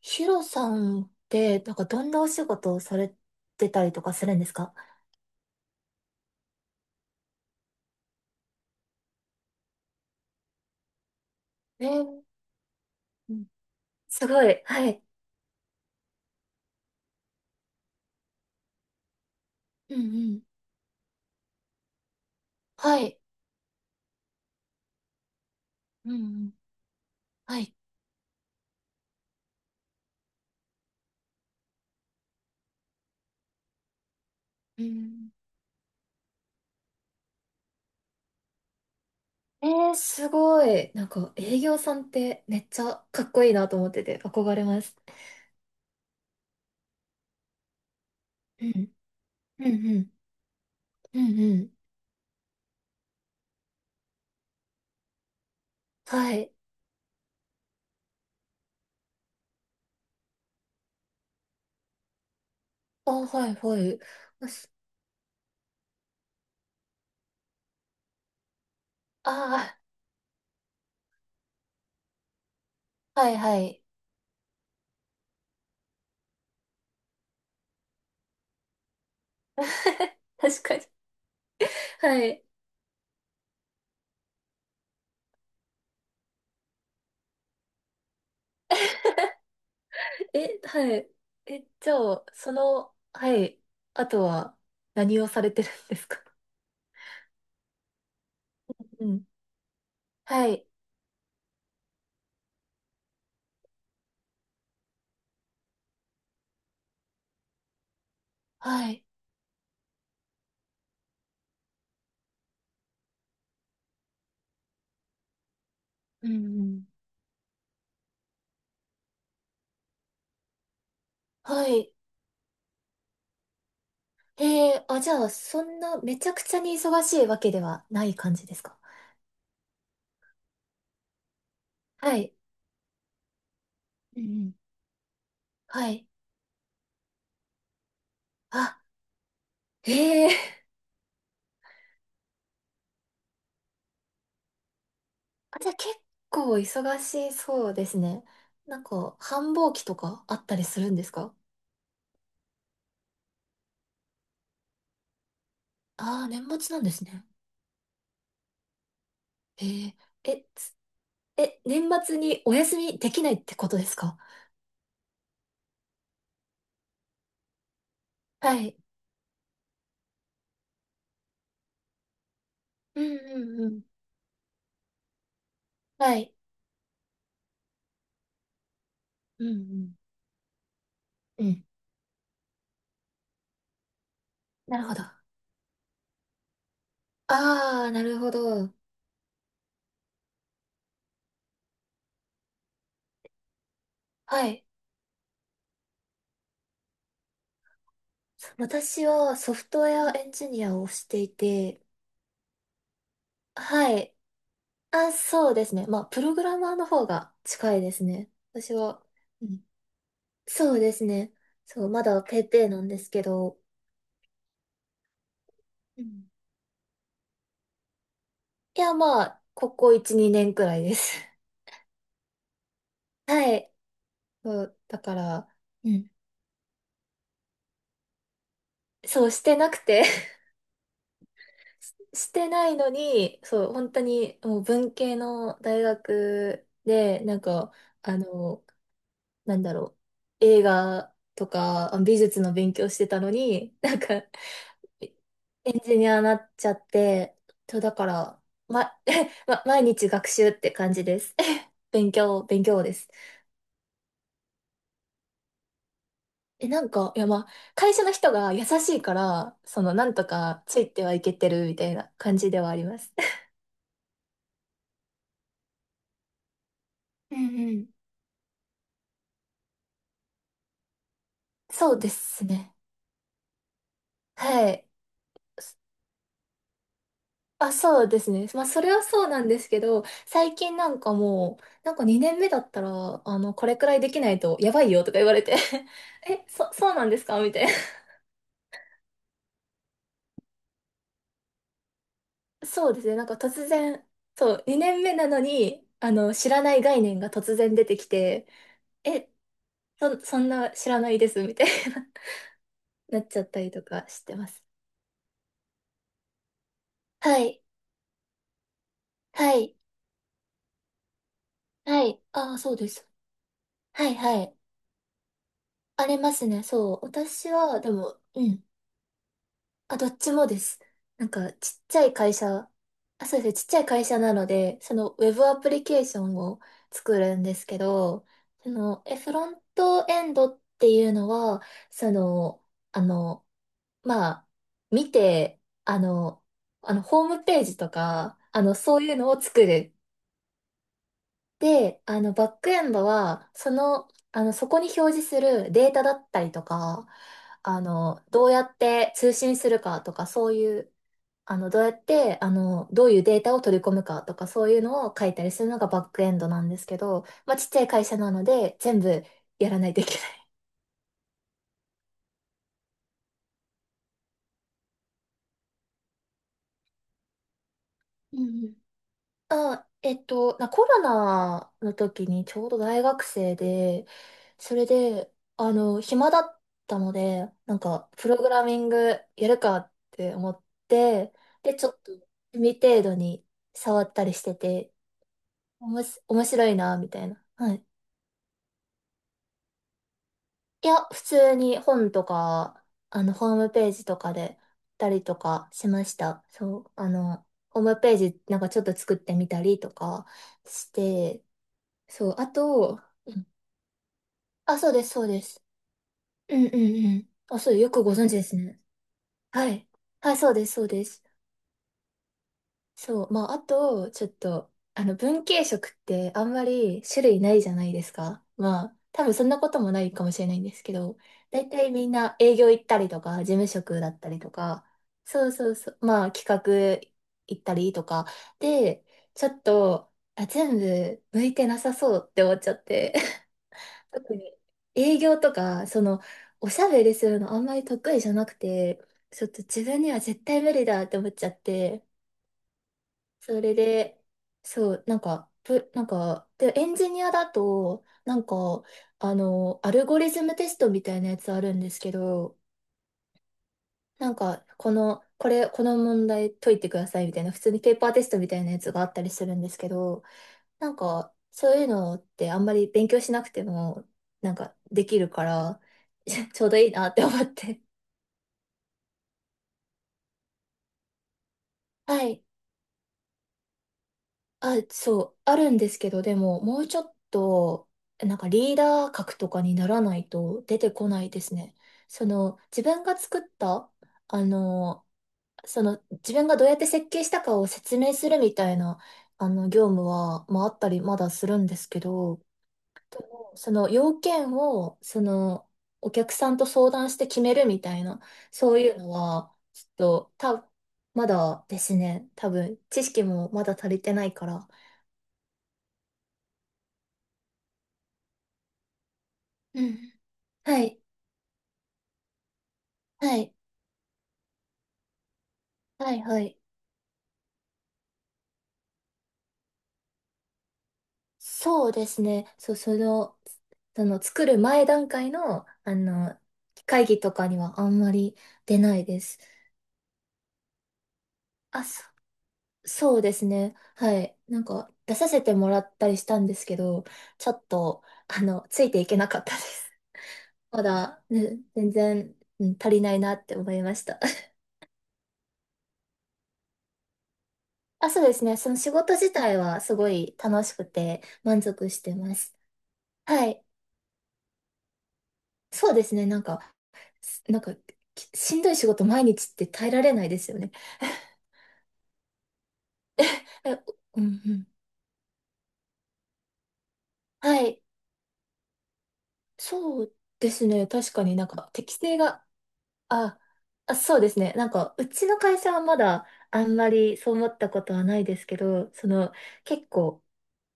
ヒロさんって、どんなお仕事をされてたりとかするんですか？えー、うん、すごい。はい。うんうん。はい。うんうん。はい。うん。えー、すごい。営業さんってめっちゃかっこいいなと思ってて憧れます。うん。うんうん。うんうん。はい。あ、はいはい。あ、あー、はいはい。確かに。はい。え、はい。え、じゃあ、その、はい。あとは、何をされてるんですか？ うん。はい。はい。うんうん。はい。ええ、あ、じゃあ、そんな、めちゃくちゃに忙しいわけではない感じですか？はい。うんうん、はい。あ、ええ。あ、じゃあ、結構忙しそうですね。繁忙期とかあったりするんですか？ああー、年末なんですね。ええ。え、つえ、年末にお休みできないってことですか？はい。うんうんうん。はい。うんうん。うん。なるほど。ああ、なるほど。はい。私はソフトウェアエンジニアをしていて、はい。あ、そうですね。まあ、プログラマーの方が近いですね、私は。うん、そうですね。そう、まだペーペーなんですけど。うん、いや、まあ、ここ1、2年くらいです。はい。そう、だから、うん、そうしてなくて。してないのに、そう、本当にもう文系の大学で、あの、なんだろ映画とかあ美術の勉強してたのに、エンジニアになっちゃって、そう、だから、ま、毎日学習って感じです。勉強、勉強です。え、いや、まあ、会社の人が優しいから、その、なんとかついてはいけてるみたいな感じではあります。うんうん。そうですね。はい。あ、そうですね。まあ、それはそうなんですけど、最近なんかもう、なんか2年目だったら、あの、これくらいできないとやばいよとか言われて。 え、そうなんですかみたいな。そうですね。なんか突然、そう、2年目なのに、あの、知らない概念が突然出てきて、え、そんな知らないです、みたいな。 なっちゃったりとかしてます。はい、はい、はい。ああ、そうです。はい、はい。ありますね。そう。私は、でも、うん。あ、どっちもです。ちっちゃい会社、あ、そうですね、ちっちゃい会社なので、そのウェブアプリケーションを作るんですけど、その、え、フロントエンドっていうのは、その、あの、まあ、見て、あの、あの、ホームページとか、あの、そういうのを作る。で、あの、バックエンドは、その、あの、そこに表示するデータだったりとか、あの、どうやって通信するかとか、そういう、あの、どうやって、あの、どういうデータを取り込むかとか、そういうのを書いたりするのがバックエンドなんですけど、まあ、ちっちゃい会社なので、全部やらないといけない。うんうん、あ、コロナの時にちょうど大学生で、それで、あの、暇だったので、プログラミングやるかって思って、で、ちょっと、趣味程度に触ったりしてて、おもし、面白いな、みたいな。はい、いや、普通に本とか、あの、ホームページとかで、たりとかしました。そう、あの、ホームページなんかちょっと作ってみたりとかして、そう、あと、うん、あ、そうです、そうです。うんうんうん。あ、そう、よくご存知ですね。はい。はい、そうです、そうです。そう。まあ、あと、ちょっと、あの、文系色ってあんまり種類ないじゃないですか。まあ、多分そんなこともないかもしれないんですけど、大体みんな営業行ったりとか、事務職だったりとか、そうそうそう、まあ、企画行ったりとか、で、ちょっと、あ、全部向いてなさそうって思っちゃって。特に営業とか、その、おしゃべりするのあんまり得意じゃなくて、ちょっと自分には絶対無理だって思っちゃって、それで、そう、なんか、プなんか、で、エンジニアだと、あの、アルゴリズムテストみたいなやつあるんですけど、なんか、この問題解いてくださいみたいな、普通にペーパーテストみたいなやつがあったりするんですけど、なんか、そういうのってあんまり勉強しなくても、なんか、できるから、ちょうどいいなって思って。はい。あ、そう、あるんですけど、でも、もうちょっと、なんかリーダー格とかにならないと出てこないですね。その、自分が作った、あの、その、自分がどうやって設計したかを説明するみたいな、あの、業務は、まあ、あったり、まだするんですけど、でもその、要件を、その、お客さんと相談して決めるみたいな、そういうのは、ちょっと、た、まだですね、多分、知識もまだ足りてないから、うん。はい。はい。はい。はい。そうですね。そう、その、その作る前段階の、あの、会議とかにはあんまり出ないです。あ、そうですね。はい。なんか、出させてもらったりしたんですけど、ちょっと、あの、ついていけなかったです。まだ、ね、全然、うん、足りないなって思いました。あ、そうですね。その仕事自体はすごい楽しくて満足してます。はい。そうですね。なんか、すなんか、きしんどい仕事毎日って耐えられないですよね。え、うんうん。はい。そうですね。確かになんか適性が、あ、あ、そうですね。なんか、うちの会社はまだあんまりそう思ったことはないですけど、その、結構、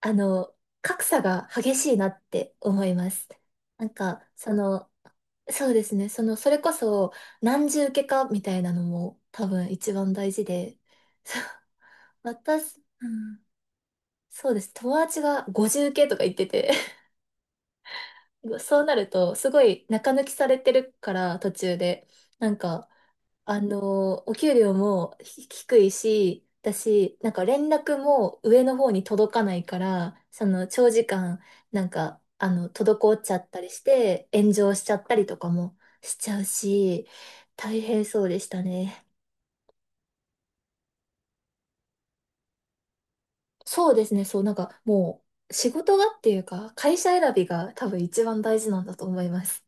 あの、格差が激しいなって思います。なんか、その、そうですね。その、それこそ、何重受けかみたいなのも多分一番大事で、そう、私、うん、そうです。友達が50系とか言ってて。 そうなると、すごい中抜きされてるから、途中で。なんか、あのーお給料も低いし、だし、なんか連絡も上の方に届かないから、その長時間、なんか、あの、滞っちゃったりして、炎上しちゃったりとかもしちゃうし、大変そうでしたね。そうですね、そう、なんかもう、仕事がっていうか、会社選びが多分一番大事なんだと思います。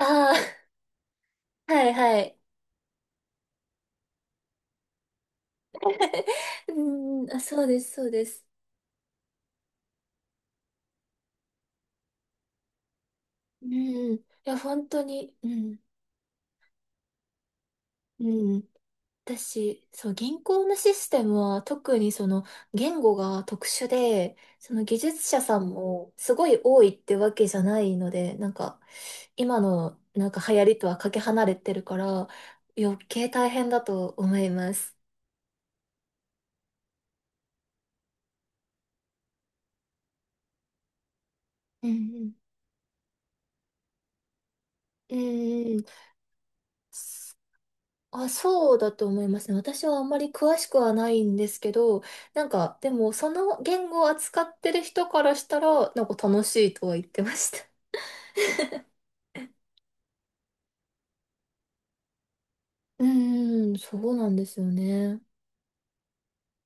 ああ、はいはい。うん、あ、そうです、そうです。うん、いや、本当に、うん、うん。私、そう、銀行のシステムは特にその言語が特殊で、その技術者さんもすごい多いってわけじゃないので、なんか、今のなんか流行りとはかけ離れてるから、余計大変だと思います。うんうん。うんうん。あ、そうだと思いますね。私はあんまり詳しくはないんですけど、なんか、でも、その言語を扱ってる人からしたら、なんか楽しいとは言ってました。うーん、そうなんですよね。